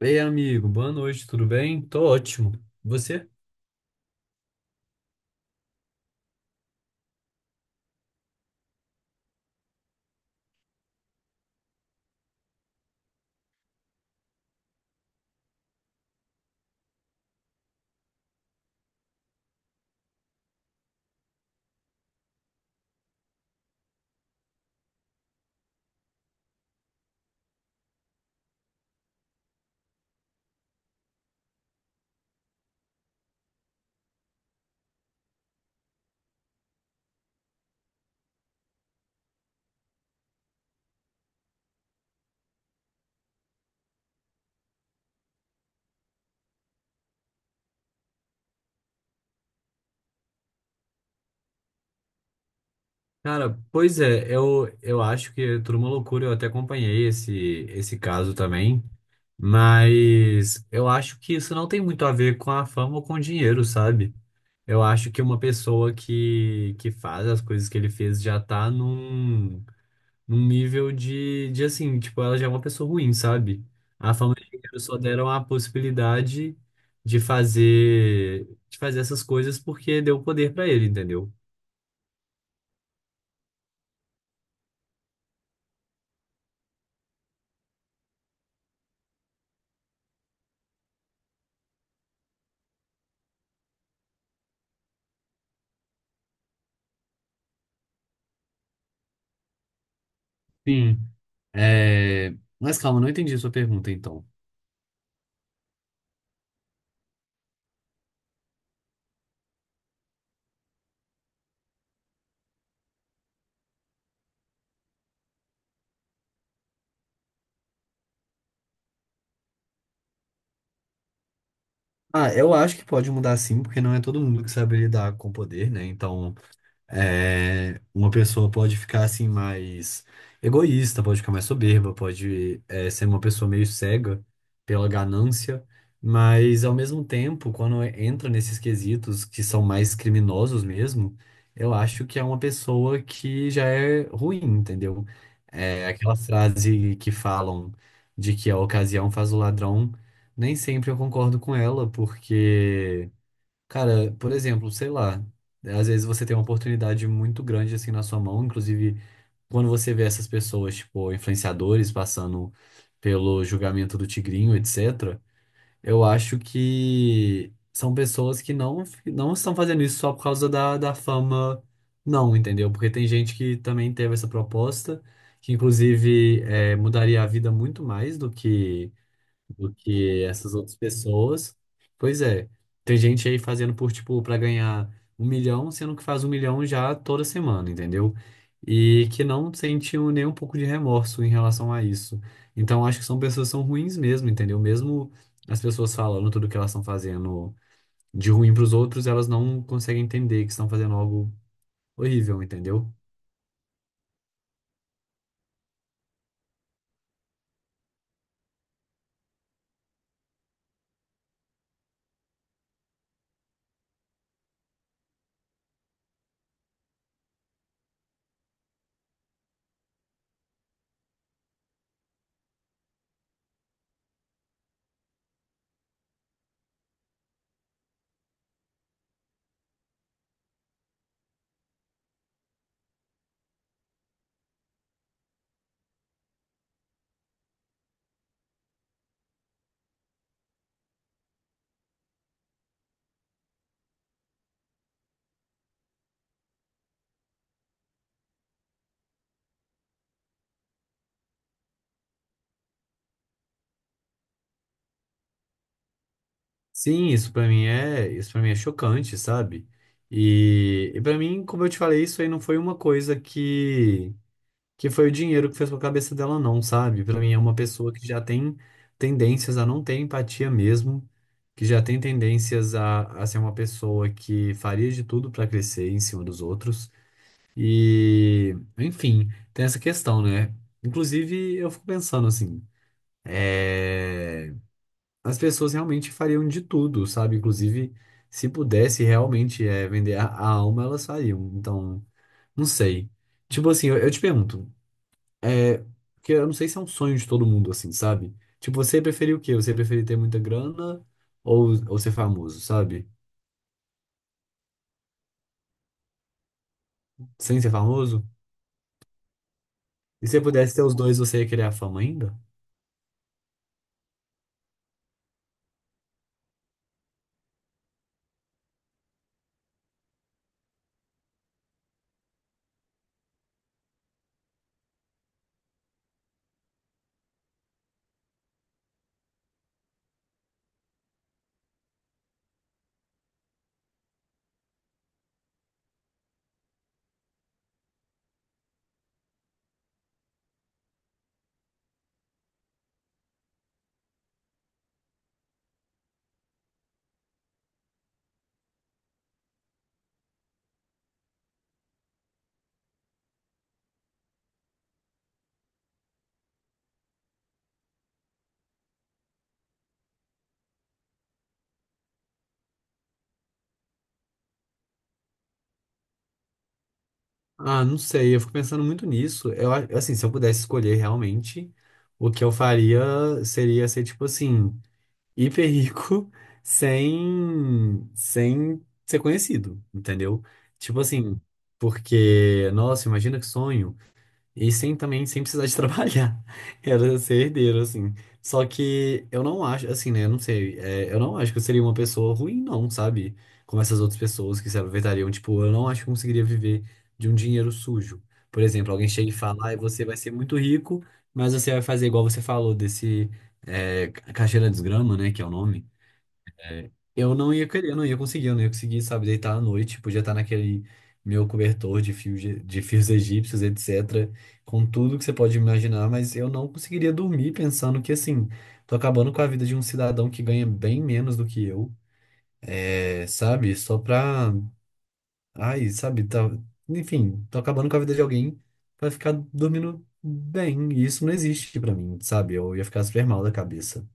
Ei, amigo, boa noite, tudo bem? Tô ótimo. Você? Cara, pois é, eu acho que é tudo uma loucura, eu até acompanhei esse caso também, mas eu acho que isso não tem muito a ver com a fama ou com o dinheiro, sabe? Eu acho que uma pessoa que faz as coisas que ele fez já tá num nível de assim, tipo, ela já é uma pessoa ruim, sabe? A família inteira só deram a possibilidade de fazer essas coisas porque deu poder pra ele, entendeu? Sim. Mas calma, não entendi a sua pergunta, então. Ah, eu acho que pode mudar sim, porque não é todo mundo que sabe lidar com poder, né? Então. É, uma pessoa pode ficar assim mais egoísta, pode ficar mais soberba, pode ser uma pessoa meio cega pela ganância, mas ao mesmo tempo, quando entra nesses quesitos que são mais criminosos mesmo, eu acho que é uma pessoa que já é ruim, entendeu? É aquela frase que falam de que a ocasião faz o ladrão, nem sempre eu concordo com ela, porque cara, por exemplo, sei lá, às vezes você tem uma oportunidade muito grande assim na sua mão, inclusive quando você vê essas pessoas, tipo, influenciadores passando pelo julgamento do Tigrinho, etc., eu acho que são pessoas que não estão fazendo isso só por causa da fama, não, entendeu? Porque tem gente que também teve essa proposta, que inclusive mudaria a vida muito mais do que essas outras pessoas. Pois é, tem gente aí fazendo por, tipo, para ganhar 1 milhão, sendo que faz 1 milhão já toda semana, entendeu? E que não sentiu nem um pouco de remorso em relação a isso. Então, acho que são pessoas que são ruins mesmo, entendeu? Mesmo as pessoas falando tudo que elas estão fazendo de ruim para os outros, elas não conseguem entender que estão fazendo algo horrível, entendeu? Sim, isso isso para mim é chocante, sabe? E para mim, como eu te falei, isso aí não foi uma coisa que foi o dinheiro que fez com a cabeça dela não, sabe? Pra mim é uma pessoa que já tem tendências a não ter empatia mesmo, que já tem tendências a ser uma pessoa que faria de tudo pra crescer em cima dos outros. E, enfim, tem essa questão, né? Inclusive, eu fico pensando assim, é as pessoas realmente fariam de tudo, sabe? Inclusive, se pudesse realmente vender a alma, elas fariam. Então, não sei. Tipo assim, eu te pergunto, é, que eu não sei se é um sonho de todo mundo, assim, sabe? Tipo, você preferia o quê? Você preferia ter muita grana ou ser famoso, sabe? Sem ser famoso? E se você pudesse ter os dois, você ia querer a fama ainda? Ah, não sei, eu fico pensando muito nisso. Assim, se eu pudesse escolher realmente, o que eu faria seria ser tipo assim, hiper rico, sem ser conhecido, entendeu? Tipo assim, porque, nossa, imagina que sonho. E sem também, sem precisar de trabalhar. Era ser herdeiro, assim. Só que eu não acho, assim, né? Eu não sei. Eu não acho que eu seria uma pessoa ruim, não, sabe? Como essas outras pessoas que se aproveitariam. Tipo, eu não acho que eu conseguiria viver de um dinheiro sujo. Por exemplo, alguém chega e fala, ah, você vai ser muito rico, mas você vai fazer igual você falou, desse caixeira desgrama, né? Que é o nome. Eu não ia querer, eu não ia conseguir, sabe, deitar à noite, podia estar naquele meu cobertor de fios, de fios egípcios, etc, com tudo que você pode imaginar, mas eu não conseguiria dormir pensando que, assim, tô acabando com a vida de um cidadão que ganha bem menos do que eu, sabe, só pra, ai, sabe, tá, enfim, tô acabando com a vida de alguém pra ficar dormindo bem, e isso não existe pra mim, sabe, eu ia ficar super mal da cabeça.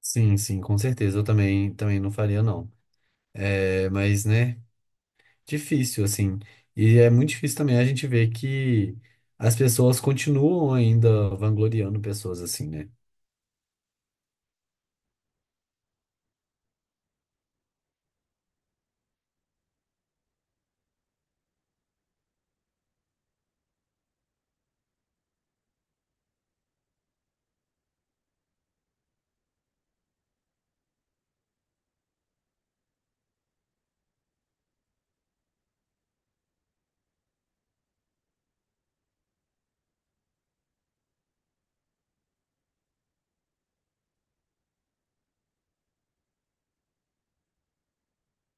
Sim, sim, com certeza, eu também, também não faria, não. É, mas, né, difícil, assim. E é muito difícil também a gente ver que as pessoas continuam ainda vangloriando pessoas assim, né?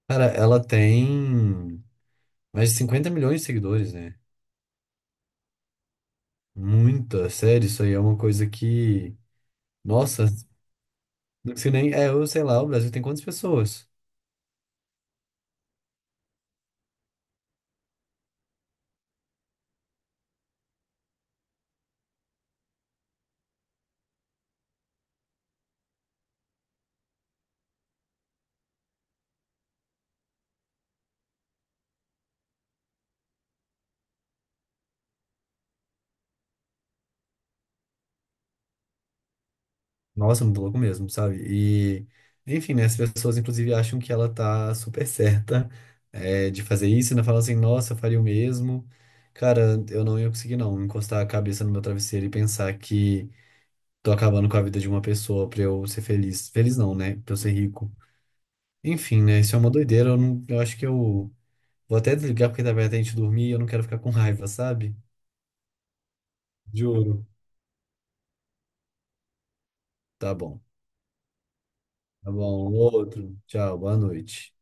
Cara, ela tem mais de 50 milhões de seguidores, né? Muita, sério, isso aí é uma coisa que. Nossa, não sei nem. É, eu sei lá, o Brasil tem quantas pessoas? Nossa, muito louco mesmo, sabe? E, enfim, né? As pessoas, inclusive, acham que ela tá super certa, de fazer isso, e ainda falam assim, nossa, eu faria o mesmo. Cara, eu não ia conseguir, não, encostar a cabeça no meu travesseiro e pensar que tô acabando com a vida de uma pessoa pra eu ser feliz. Feliz não, né? Pra eu ser rico. Enfim, né? Isso é uma doideira. Eu, não, eu acho que eu vou até desligar porque tá bem até a gente dormir e eu não quero ficar com raiva, sabe? Juro. Tá bom. Tá bom. Outro. Tchau. Boa noite.